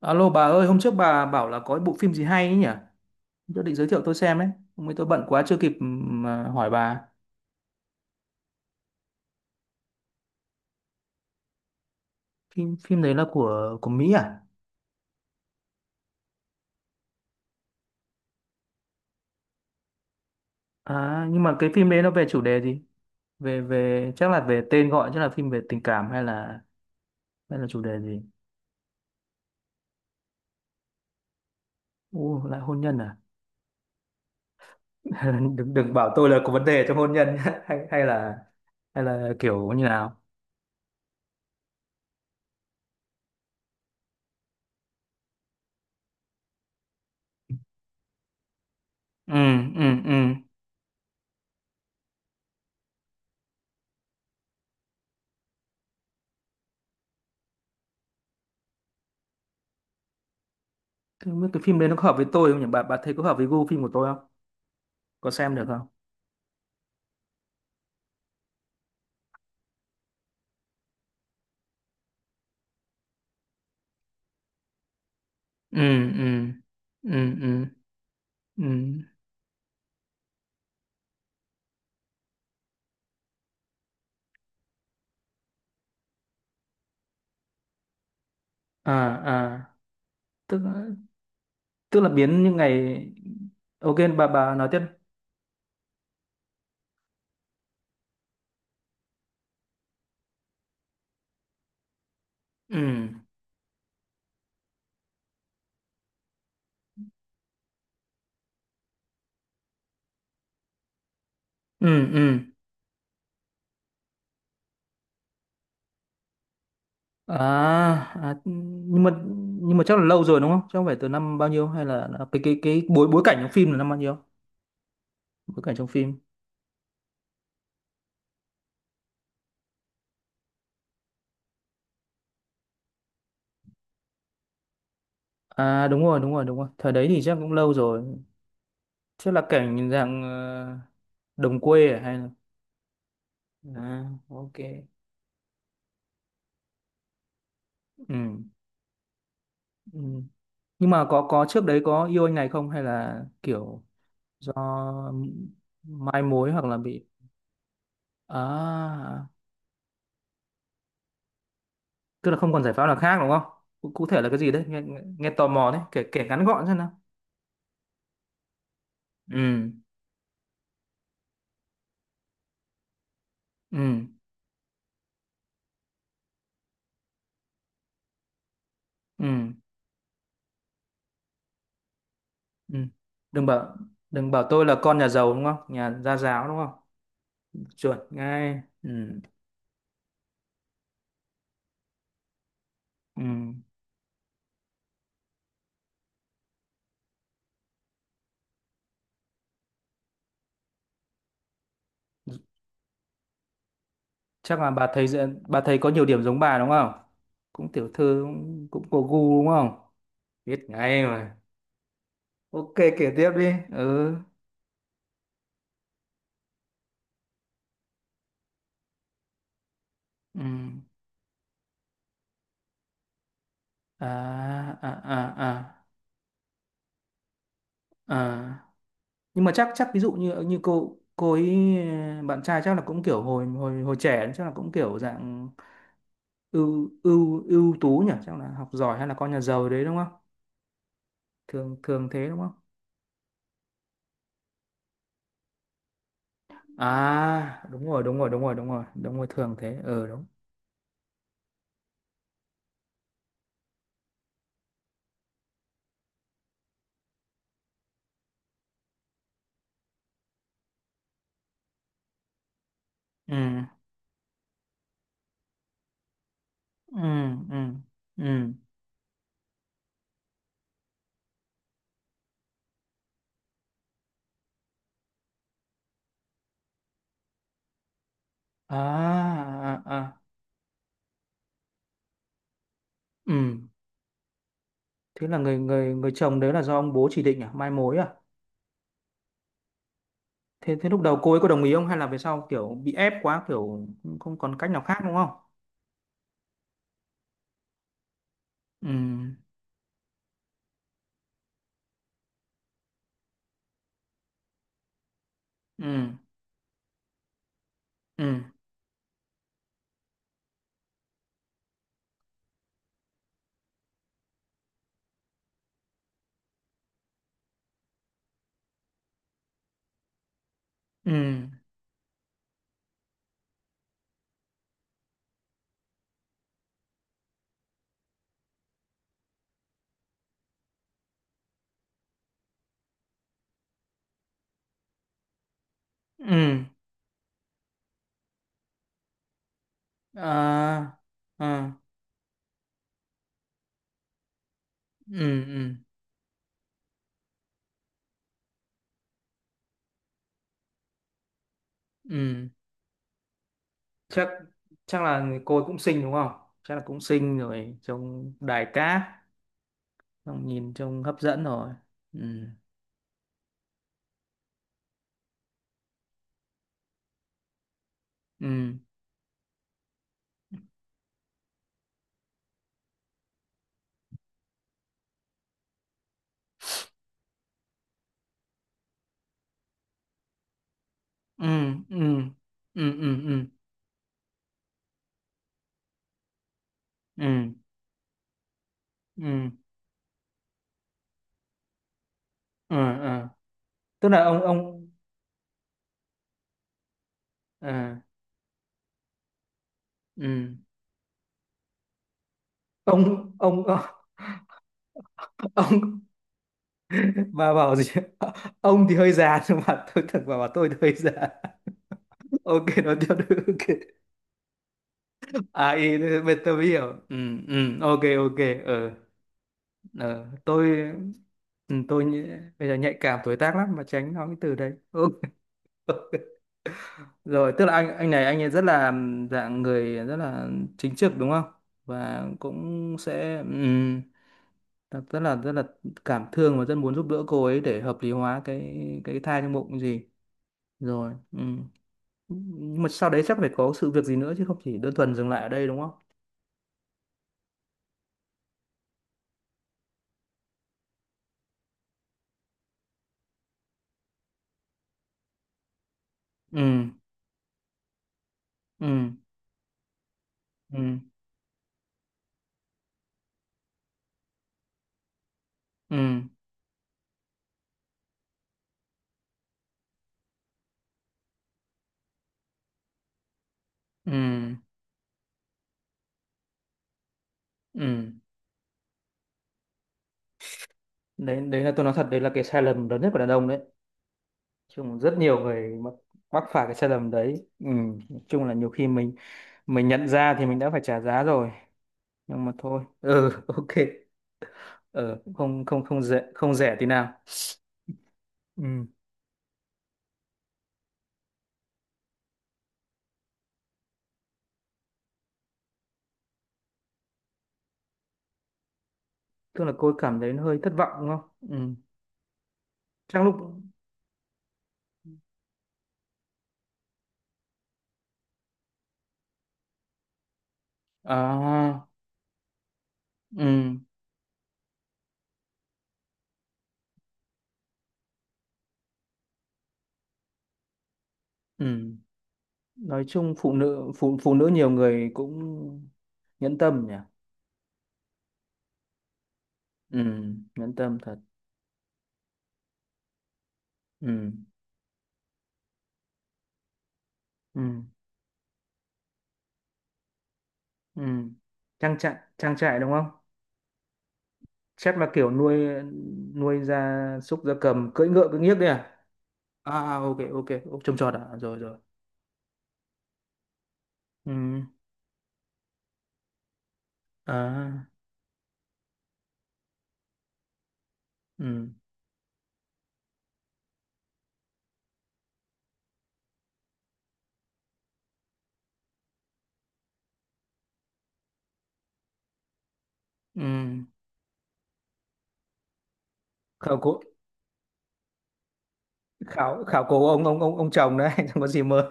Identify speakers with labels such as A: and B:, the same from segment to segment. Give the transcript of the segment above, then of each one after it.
A: Alo bà ơi, hôm trước bà bảo là có cái bộ phim gì hay ấy nhỉ? Tôi định giới thiệu tôi xem ấy. Hôm nay tôi bận quá chưa kịp mà hỏi bà. Phim phim đấy là của Mỹ à? À nhưng mà cái phim đấy nó về chủ đề gì? Về về chắc là về tên gọi, chắc là phim về tình cảm hay là chủ đề gì? Ồ lại hôn nhân à? Đừng đừng bảo tôi là có vấn đề trong hôn nhân nhá. hay hay là kiểu như nào? Ừ, ừ, ừ. Thế không biết cái phim đấy nó có hợp với tôi không nhỉ? Bà thấy có hợp với gu phim của tôi không? Có xem được không? Ừ, ừ, ừ, ừ, ừ. À, à, tức tức là biến những ngày. Ok, bà nói tiếp. Ừ, ừ, ừ. À, à, nhưng mà chắc là lâu rồi đúng không? Chắc không phải từ năm bao nhiêu, hay là cái bối bối cảnh trong phim là năm bao nhiêu? Bối cảnh trong phim. À, đúng rồi, đúng rồi, đúng rồi, thời đấy thì chắc cũng lâu rồi. Chắc là cảnh dạng ờ, đồng quê, à, hay là. À, ok. Ừ, ừ. Nhưng mà có trước đấy có yêu anh này không, hay là kiểu do mai mối hoặc là bị. À, tức là không còn giải pháp nào khác đúng không? Cụ cụ thể là cái gì đấy? Nghe, tò mò đấy, kể kể ngắn gọn xem nào. Ừ, ừ, ừ, ừ. Đừng bảo đừng bảo tôi là con nhà giàu đúng không? Nhà gia giáo đúng không? Chuẩn ngay. Ừ, ừ. Chắc là bà thấy có nhiều điểm giống bà đúng không? Cũng tiểu thư, cũng cũng có gu đúng không? Biết ngay mà. Ok, kể tiếp đi. Ừ. Ừ. À, à, à, à, à. Nhưng mà chắc chắc ví dụ như như cô ấy, ờ, bạn trai chắc là cũng kiểu hồi hồi hồi trẻ chắc là cũng kiểu dạng ưu ưu ưu tú nhỉ, chắc là học giỏi hay là con nhà giàu đấy đúng không? Thường thường thế đúng không? À, đúng rồi, đúng rồi, đúng rồi, đúng rồi, đúng rồi, thường thế. Ừ, đúng. Ừ, ừ, ừ, ừ. À, à, à. Ừ. Thế là người người người chồng đấy là do ông bố chỉ định à, mai mối à? Thế thế lúc đầu cô ấy có đồng ý không, hay là về sau kiểu bị ép quá, kiểu không còn cách nào khác đúng không? Ừ. Ừ. Ừ. Ừ. Ừ. À. À. Ừ. Ừ. Ừ. Chắc chắc là cô ấy cũng xinh đúng không? Chắc là cũng xinh rồi, trông đài cát, trông nhìn trông hấp dẫn rồi. Ừ. Ừ. Ừ. Ừ. Ừ. Ừ. Ừ. Ừ. Ừ. Ừ. Ừ. Tức là ông à. Ừ. Ông ông, bà bảo gì? Ông thì hơi già nhưng mà tôi thật, bà bảo tôi thì hơi già. Ok, nói tiếp được. Ok. À, ý bên tôi mới hiểu. Ừ, ừ, ok, ok. Ờ. Ờ, tôi. Ừ, bây giờ nhạy cảm tuổi tác lắm mà, tránh nói cái từ đấy, ok. Rồi, tức là anh này, anh ấy rất là ừ, dạng người rất là chính trực đúng không, và cũng sẽ rất rất là cảm thương và rất muốn giúp đỡ cô ấy để hợp lý hóa cái thai trong bụng gì rồi. Ừ. Nhưng mà sau đấy chắc phải có sự việc gì nữa chứ không chỉ đơn thuần dừng lại ở đây đúng không? Ừ, ừ, ừ, ừ, ừ, ừ. Đấy đấy là tôi nói thật, đấy là cái sai lầm lớn nhất của đàn ông đấy. Chung rất nhiều người mắc mắc phải cái sai lầm đấy. Ừ, nói chung là nhiều khi mình nhận ra thì mình đã phải trả giá rồi, nhưng mà thôi. Ừ. Ok. Ừ, không, không, không rẻ tí nào. Ừ, tức là cô cảm thấy hơi thất vọng đúng không? Ừ, trong lúc. À, ừ, ừ. Nói chung phụ nữ, phụ phụ nữ nhiều người cũng nhẫn tâm nhỉ. Ừ, nhẫn tâm thật. Ừ, ừ, ừ, trang trại, trang trại đúng không? Chắc là kiểu nuôi, nuôi gia súc, gia cầm, cưỡi ngựa cưỡi nghiếc đấy à? À, à, ok, ok. Ốc trông trọt à, rồi, rồi. Ừ. À. Ừ, ừ. Khảo cổ, khảo khảo cổ ông chồng đấy chẳng có gì mới.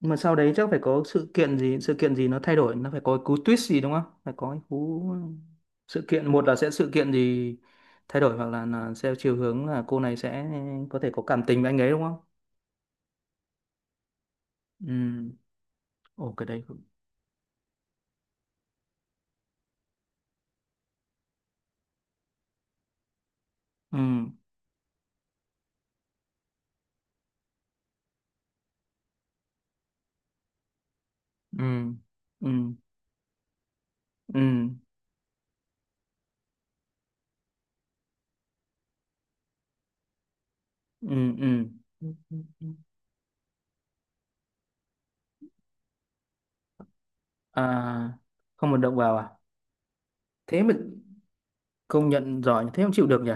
A: Nhưng mà sau đấy chắc phải có sự kiện gì, nó thay đổi, nó phải có cú twist gì đúng không, phải có cái cú sự kiện. Một là sẽ sự kiện gì thay đổi, hoặc là, theo chiều hướng là cô này sẽ có thể có cảm tình với anh ấy đúng không? Ừ. ồ cái đấy cũng- Ừ, ừ, ừ, ừ, ừ, ừ. À, không một động vào à? Thế mà công nhận giỏi, thế mà chịu được nhỉ.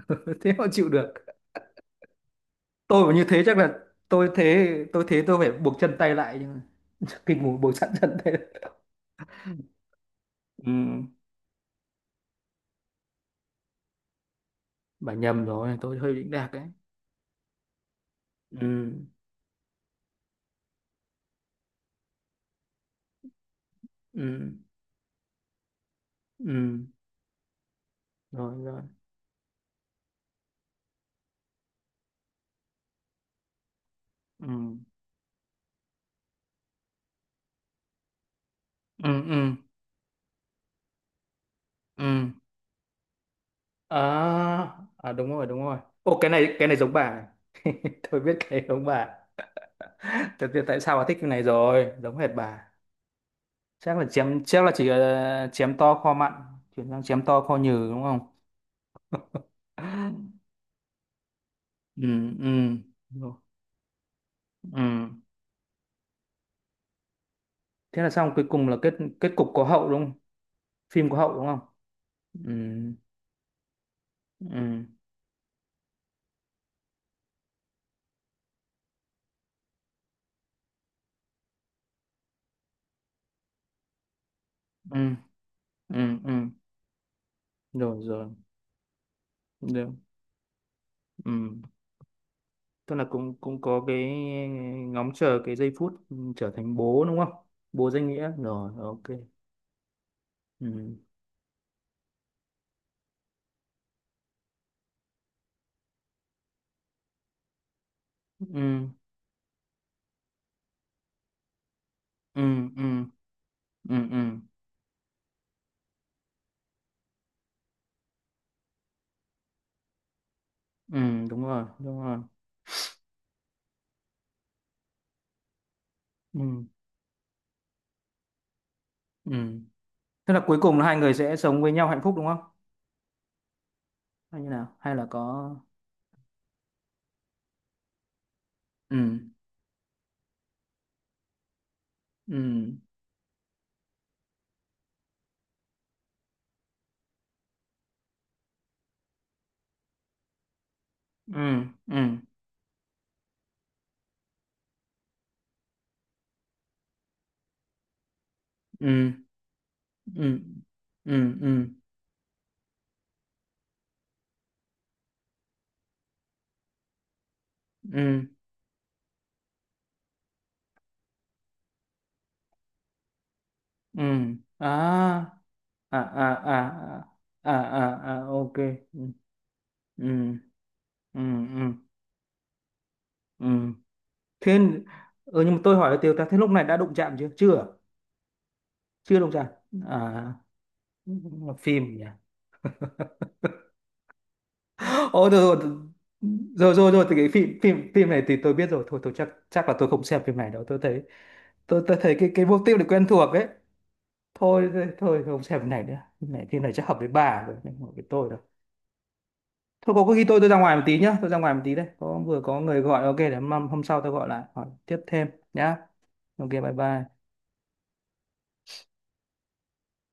A: Thế mà chịu được. Tôi mà như thế chắc là tôi thế tôi thế tôi phải buộc chân tay lại, nhưng mà kinh, ngủ buộc sẵn chân tay. Ừ, bà nhầm rồi, tôi hơi đỉnh đạc đấy. Ừ, ừ, ừ, rồi, rồi. Ừ, ừ, ừ, ừ. À, à đúng rồi, đúng rồi. Ô, cái này giống bà này. Tôi biết cái này giống bà. Thật, biết tại sao bà thích cái này rồi, giống hệt bà. Chắc là chỉ ờ, chém to kho mặn, chuyển sang chém to kho nhừ đúng không? Ừ, ừ, ừ. Thế là xong, cuối cùng là kết kết cục có hậu đúng không? Phim có hậu đúng không? Ừ, ừ, ừ, ừ, ừ. Rồi, rồi, được. Ừ, tức là cũng cũng có cái ngóng chờ cái giây phút ừ, trở thành bố đúng không? Bố danh nghĩa rồi, ok. Ừ, ừ, ừ, ừ, ừ, ừ, ừ. Đúng rồi, đúng rồi. Ừ, ừ. Tức là cuối cùng là hai người sẽ sống với nhau hạnh phúc đúng không, hay như nào, hay là có. Ừ, ừ, ừ, ừ, ừ, ừ. Ừ, ừ, ừ, ừ, ừ, à, à, à, à, à, à, à, ok, ừ, ừ, ừ, ừ, ừ. Thế ừ, nhưng mà tôi hỏi là Tiều ta, thế lúc này đã đụng chạm chưa, à? Chưa đụng chạm, à là phim nhỉ. Ồ, rồi, rồi, rồi, rồi, rồi, thì cái phim phim phim này thì tôi biết rồi, thôi tôi chắc chắc là tôi không xem phim này đâu. Tôi thấy, tôi thấy cái mục tiêu này quen thuộc ấy. Thôi, thôi, thôi không xem phim này nữa, phim này chắc hợp với bà rồi, không hợp với tôi đâu. Thôi có khi tôi ra ngoài một tí nhá, tôi ra ngoài một tí đây. Có vừa có người gọi, ok, để hôm sau tôi gọi lại hỏi tiếp thêm nhá. Ok, bye bye.